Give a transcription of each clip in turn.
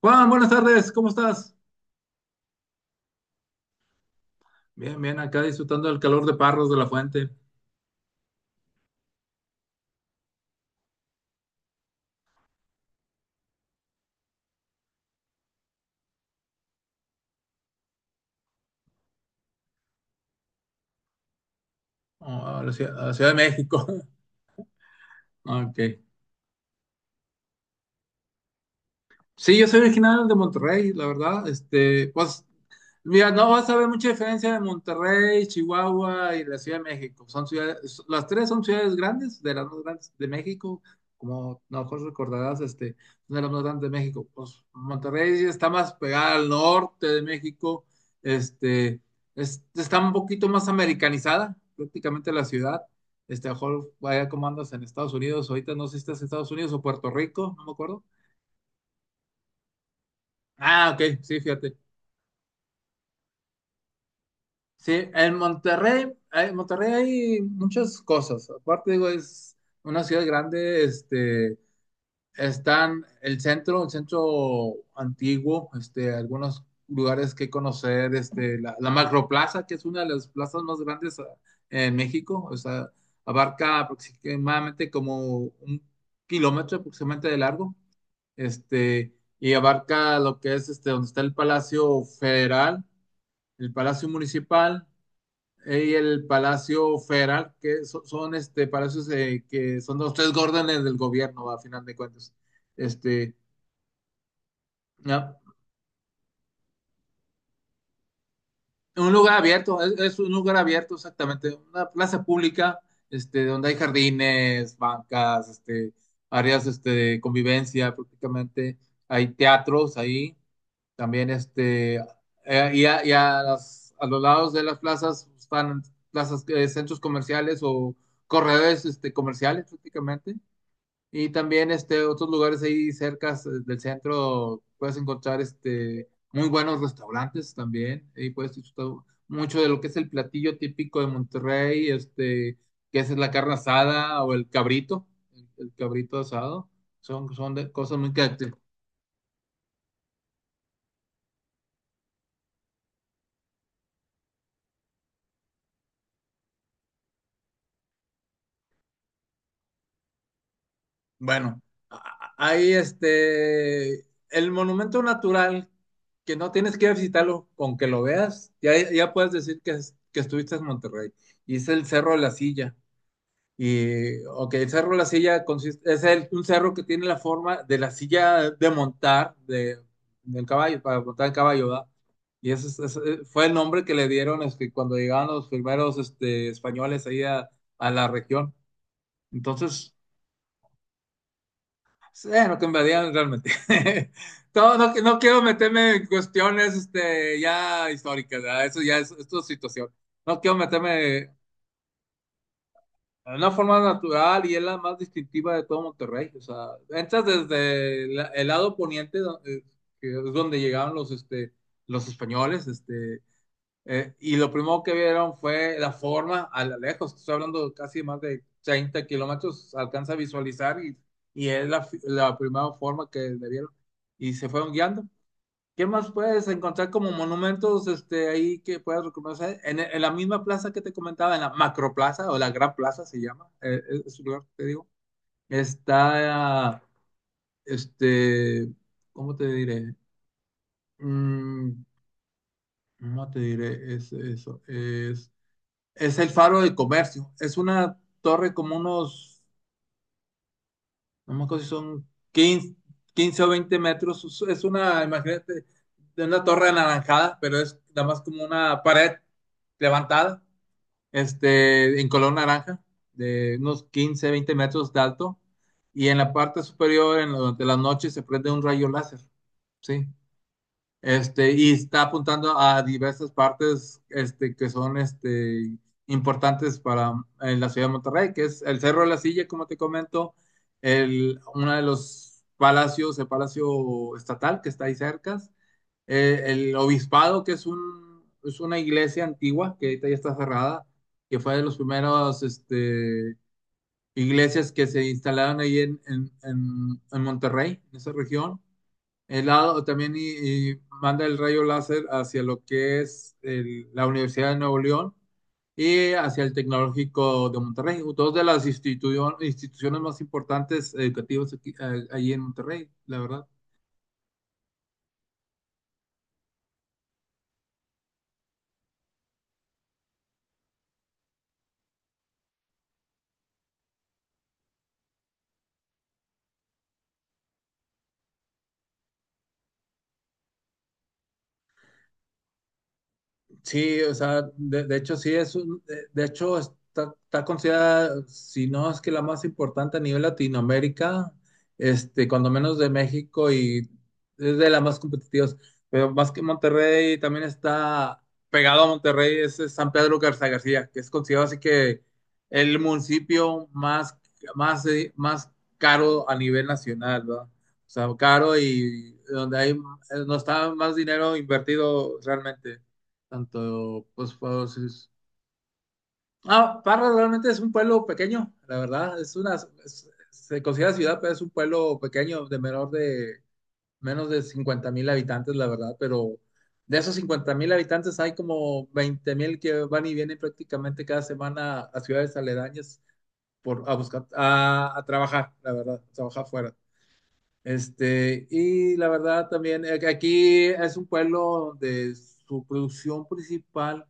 Juan, buenas tardes, ¿cómo estás? Bien, bien, acá disfrutando del calor de Parros de la Fuente. Ah, la ciudad, a la Ciudad de México. Ok. Sí, yo soy original de Monterrey, la verdad. Pues, mira, no vas a ver mucha diferencia de Monterrey, Chihuahua y la Ciudad de México. Son ciudades, las tres son ciudades grandes, de las más grandes de México, como a lo mejor recordarás, una de las más grandes de México. Pues Monterrey está más pegada al norte de México. este, Está un poquito más americanizada, prácticamente la ciudad. A lo mejor vaya como andas en Estados Unidos, ahorita no sé si estás en Estados Unidos o Puerto Rico, no me acuerdo. Ah, ok, sí, fíjate. Sí, en Monterrey hay muchas cosas. Aparte, digo, es una ciudad grande. Están el centro antiguo, algunos lugares que conocer, la Macroplaza, que es una de las plazas más grandes en México. O sea, abarca aproximadamente como un kilómetro aproximadamente de largo, este, y abarca lo que es, donde está el Palacio Federal, el Palacio Municipal, y el Palacio Federal, son palacios, que son los tres órdenes del gobierno, a final de cuentas. Este, no. Un lugar abierto, es un lugar abierto exactamente, una plaza pública, donde hay jardines, bancas, áreas de convivencia prácticamente, hay teatros ahí. También y a a los lados de las plazas están plazas, centros comerciales o corredores comerciales prácticamente. Y también otros lugares ahí cerca del centro puedes encontrar muy buenos restaurantes también. Ahí puedes disfrutar mucho de lo que es el platillo típico de Monterrey, que es la carne asada o el cabrito asado. Cosas muy Bueno, ahí el monumento natural, que no tienes que visitarlo, con que lo veas, ya, ya puedes decir que, que estuviste en Monterrey. Y es el Cerro de la Silla. Y, ok, el Cerro de la Silla consiste, un cerro que tiene la forma de la silla de montar, de, del caballo, para montar el caballo, ¿verdad? Y ese, ese fue el nombre que le dieron cuando llegaban los primeros españoles ahí a la región. Entonces... Bueno, cambiarían realmente. No, no, no quiero meterme en cuestiones ya históricas, ¿verdad? Eso ya es tu situación. No quiero meterme en una forma natural y es la más distintiva de todo Monterrey. O sea, entras desde el lado poniente, que es donde llegaron los españoles. Y lo primero que vieron fue la forma a la lejos, estoy hablando de casi más de 30 kilómetros, alcanza a visualizar, y es la la primera forma que le vieron y se fueron guiando. ¿Qué más puedes encontrar como monumentos ahí que puedas reconocer? En la misma plaza que te comentaba, en la Macroplaza o la Gran Plaza se llama, es un lugar, que te digo, está, este, ¿cómo te diré? Mm, no te diré es, eso, es. Es el Faro de Comercio. Es una torre como unos, no me acuerdo si son quince, 15 o 20 metros. Es una, imagínate, de una torre anaranjada, pero es nada más como una pared levantada, en color naranja, de unos 15, 20 metros de alto. Y en la parte superior, en, durante la noche, se prende un rayo láser, ¿sí? Y está apuntando a diversas partes que son importantes para la ciudad de Monterrey, que es el Cerro de la Silla, como te comento, el, uno de los palacios, el Palacio Estatal, que está ahí cerca, el Obispado, que es, un, es una iglesia antigua, que ahorita ya está cerrada, que fue de los primeros iglesias que se instalaron ahí en, en Monterrey, en esa región helado también, y manda el rayo láser hacia lo que es la Universidad de Nuevo León y hacia el Tecnológico de Monterrey, dos de las instituciones más importantes educativas allí en Monterrey, la verdad. Sí, o sea, de hecho sí es de hecho está, está considerada, si no es que la más importante a nivel Latinoamérica, cuando menos de México, y es de las más competitivas, pero más que Monterrey también está pegado a Monterrey, es San Pedro Garza García, que es considerado así que el municipio más, más, más caro a nivel nacional, ¿verdad? O sea, caro y donde hay, no está más dinero invertido realmente. Tanto, pues, sí. Ah, Parras realmente es un pueblo pequeño, la verdad. Es una, se considera ciudad, pero es un pueblo pequeño, de menor de, menos de 50 mil habitantes, la verdad. Pero de esos 50 mil habitantes hay como 20 mil que van y vienen prácticamente cada semana a ciudades aledañas por, a buscar, a trabajar, la verdad, a trabajar fuera. Y la verdad también, que aquí es un pueblo donde su producción principal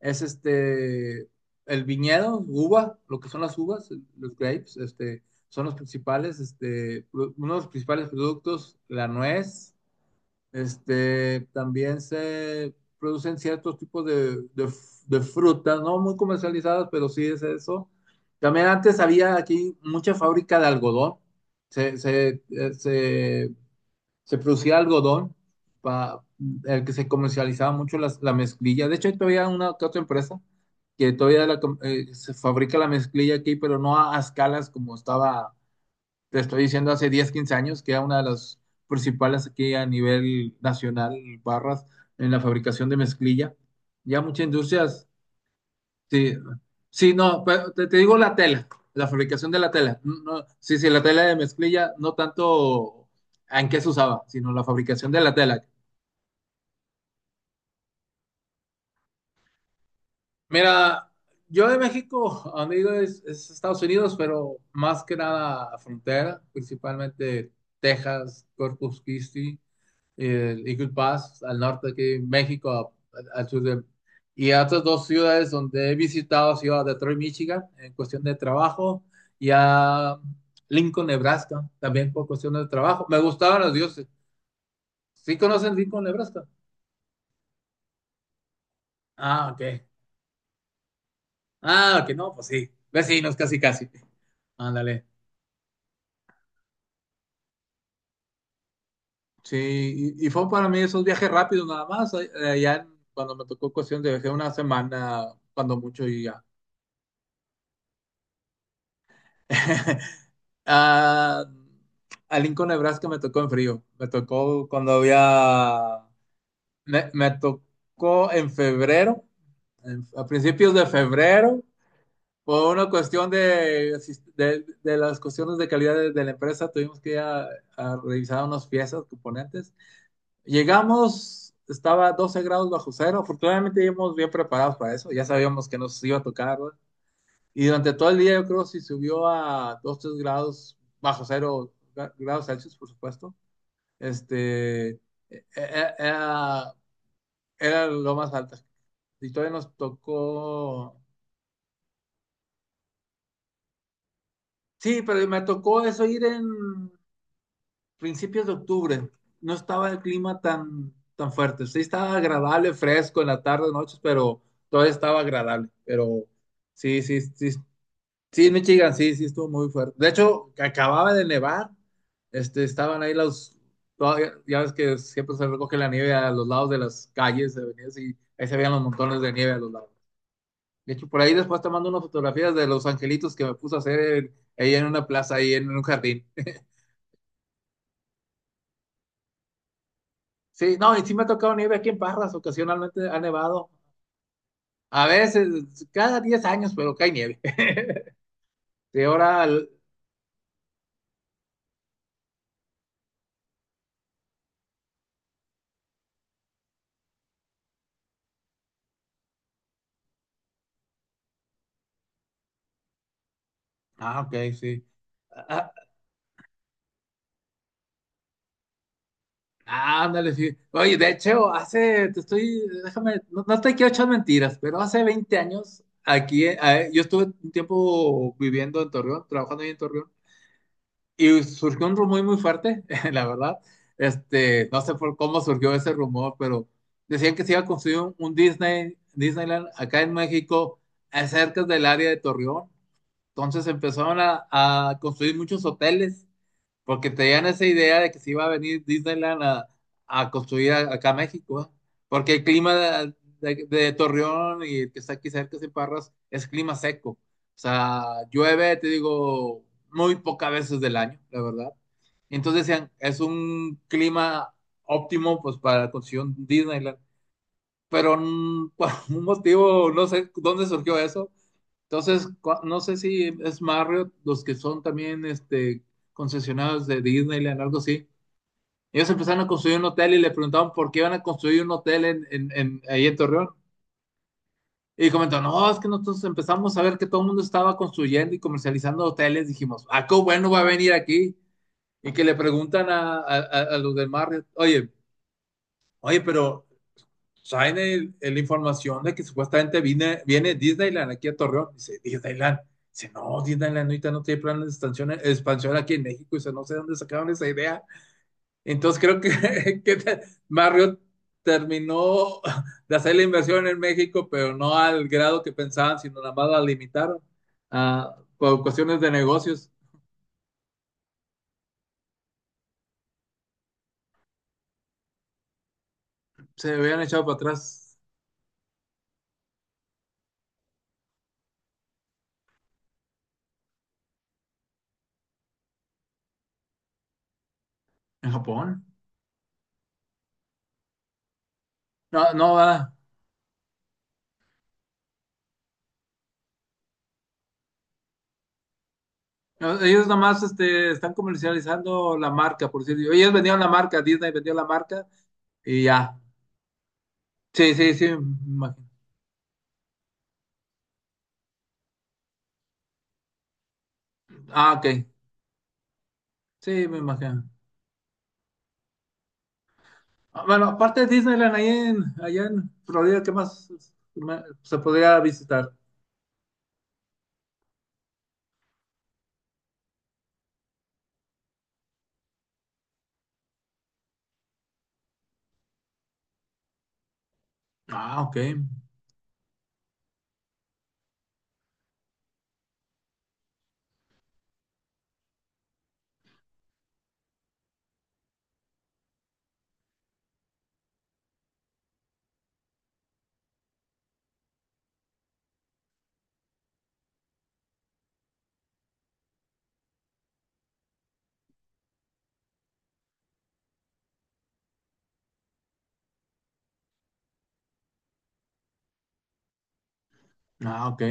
es el viñedo, uva, lo que son las uvas, los grapes. Son los principales, uno de los principales productos, la nuez, también se producen ciertos tipos de, de frutas, no muy comercializadas, pero sí es eso. También antes había aquí mucha fábrica de algodón, se se producía algodón, pa- el que se comercializaba mucho la mezclilla. De hecho, hay todavía una que otra empresa que todavía se fabrica la mezclilla aquí, pero no a, a escalas como estaba, te estoy diciendo, hace 10, 15 años, que era una de las principales aquí a nivel nacional, barras, en la fabricación de mezclilla. Ya muchas industrias. Sí, sí, no, pero te digo la tela, la fabricación de la tela. No, no, sí, sí, la tela de mezclilla, no tanto en qué se usaba, sino la fabricación de la tela. Mira, yo de México, a donde he ido es Estados Unidos, pero más que nada frontera, principalmente Texas, Corpus Christi, el Eagle Pass al norte aquí México, al sur de... Y a otras dos ciudades donde he visitado, ciudad de Detroit, Michigan, en cuestión de trabajo, y a Lincoln, Nebraska, también por cuestiones de trabajo. Me gustaban los dioses. ¿Sí conocen Lincoln, Nebraska? Ah, ok. Ah, ok, no, pues sí. Vecinos, casi, casi. Ándale. Sí, y fue para mí esos viajes rápidos nada más. Cuando me tocó cuestión de viaje una semana, cuando mucho, y ya. Ah, a Lincoln, Nebraska me tocó en frío. Me tocó cuando había. Me tocó en febrero, a principios de febrero, por una cuestión de, de las cuestiones de calidad de la empresa, tuvimos que ir a revisar unas piezas, componentes. Llegamos, estaba 12 grados bajo cero. Afortunadamente, íbamos bien preparados para eso. Ya sabíamos que nos iba a tocar, ¿no? Y durante todo el día, yo creo, si subió a dos, 3 grados, bajo cero grados Celsius, por supuesto. este, e- Era, era lo más alto. Y todavía nos tocó. Sí, pero me tocó eso ir en principios de octubre. No estaba el clima tan, tan fuerte. Sí, estaba agradable, fresco en la tarde, noches, pero todavía estaba agradable. Pero sí, sí, sí, sí, en Michigan, sí, sí, estuvo muy fuerte. De hecho, acababa de nevar, estaban ahí los, ya ves que siempre se recoge la nieve a los lados de las calles, avenidas, y ahí se veían los montones de nieve a los lados. De hecho, por ahí después te mando unas fotografías de los angelitos que me puse a hacer ahí en una plaza, ahí en un jardín. Sí, no, y sí me ha tocado nieve aquí en Parras, ocasionalmente ha nevado. A veces, cada 10 años, pero cae nieve. Sí, ahora, ah, ok, sí. Ah, ah, ándale, sí. Oye, de hecho, hace, te estoy, déjame, no, no te quiero echar mentiras, pero hace 20 años, aquí, yo estuve un tiempo viviendo en Torreón, trabajando ahí en Torreón, y surgió un rumor muy fuerte, la verdad. No sé por cómo surgió ese rumor, pero decían que se iba a construir un Disney, Disneyland acá en México, cerca del área de Torreón. Entonces empezaron a construir muchos hoteles porque tenían esa idea de que se iba a venir Disneyland a construir acá a México, ¿eh? Porque el clima de, de Torreón y el que está aquí cerca de Parras es clima seco. O sea, llueve, te digo, muy pocas veces del año, la verdad. Entonces decían, es un clima óptimo pues para la construcción Disneyland. Pero por un motivo, no sé dónde surgió eso, entonces, no sé si es Marriott, los que son también concesionados de Disneyland, algo así. Ellos empezaron a construir un hotel y le preguntaban por qué iban a construir un hotel en, ahí en Torreón. Y comentó no, es que nosotros empezamos a ver que todo el mundo estaba construyendo y comercializando hoteles. Dijimos, ah, qué bueno va a venir aquí. Y que le preguntan a, a los de Marriott, oye, oye, pero traen la información de que supuestamente viene, viene Disneyland aquí a Torreón. Dice, Disneyland. Dice, no, Disneyland ahorita no tiene planes de expansión, expansión aquí en México. Dice, no sé dónde sacaron esa idea. Entonces creo que, Marriott terminó de hacer la inversión en México, pero no al grado que pensaban, sino nada más la limitaron por cuestiones de negocios. Se habían echado para atrás en Japón. No, no va. No, ellos nomás están comercializando la marca, por decirlo. Ellos vendieron la marca, Disney vendió la marca y ya. Sí, sí, sí, me imagino. Ah, ok. Sí, me imagino. Ah, bueno, aparte de Disneyland, ahí en, allá en Florida, ¿qué más se podría visitar? Ah, ok. Ah, ok.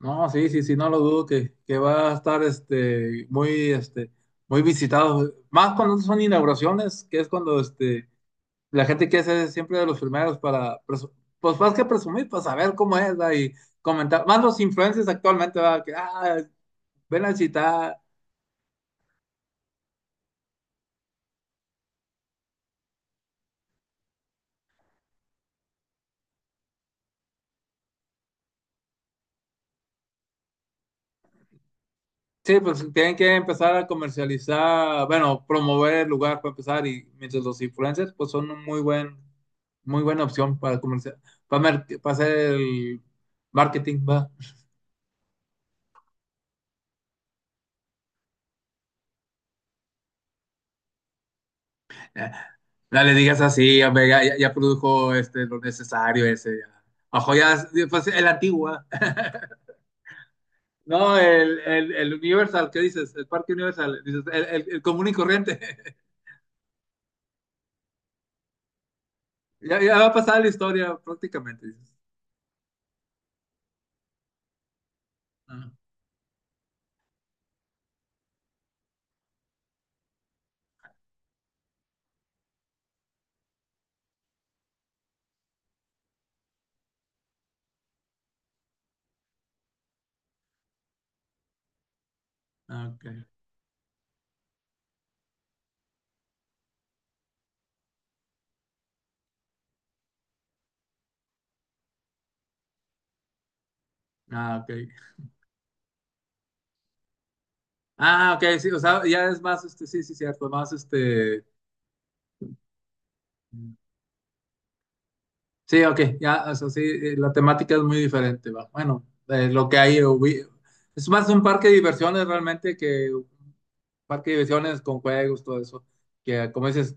No, sí, sí, sí, no lo dudo que va a estar muy, muy visitado. Más cuando son inauguraciones, que es cuando la gente quiere ser siempre de los primeros para, pues más que presumir, pues saber cómo es, ¿verdad? Y comentar, más los influencers actualmente, ¿verdad? Que, ah, ven a citar. Sí, pues tienen que empezar a comercializar, bueno, promover el lugar para empezar y mientras los influencers, pues son un muy buen, muy buena opción para comercial, para, para hacer el marketing, va. No le digas así, hombre, ya, ya produjo lo necesario ese, ya. Ojo, ya, pues el antiguo, ¿va? No, el Universal, ¿qué dices? El Parque Universal, dices, el común y corriente. Ya, ya va a pasar la historia prácticamente, dices. Ah, ah, ok. Ah, ok. Ah, ok, sí, o sea, ya es más, sí, sí, cierto, más, sí, ok, ya, o sea, sí, la temática es muy diferente, va. Bueno, lo que hay, es más un parque de diversiones realmente que un parque de diversiones con juegos, todo eso, que como dices,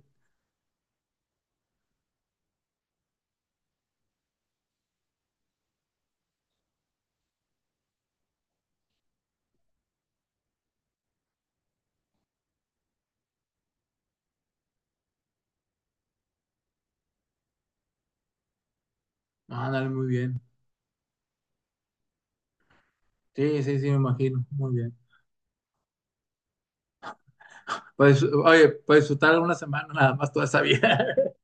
ándale, muy bien. Sí, sí, sí, me imagino, muy bien. Para oye, para disfrutar una semana nada más toda esa vida.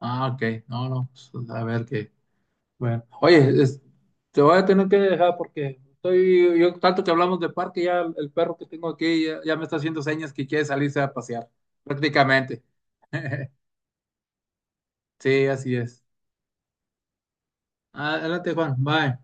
Ah, ok. No, no. Pues, a ver qué. Bueno. Oye, te voy a tener que dejar porque estoy, yo tanto que hablamos de parque, ya el perro que tengo aquí ya, ya me está haciendo señas que quiere salirse a pasear, prácticamente. Sí, así es. Adelante, Juan. Bye.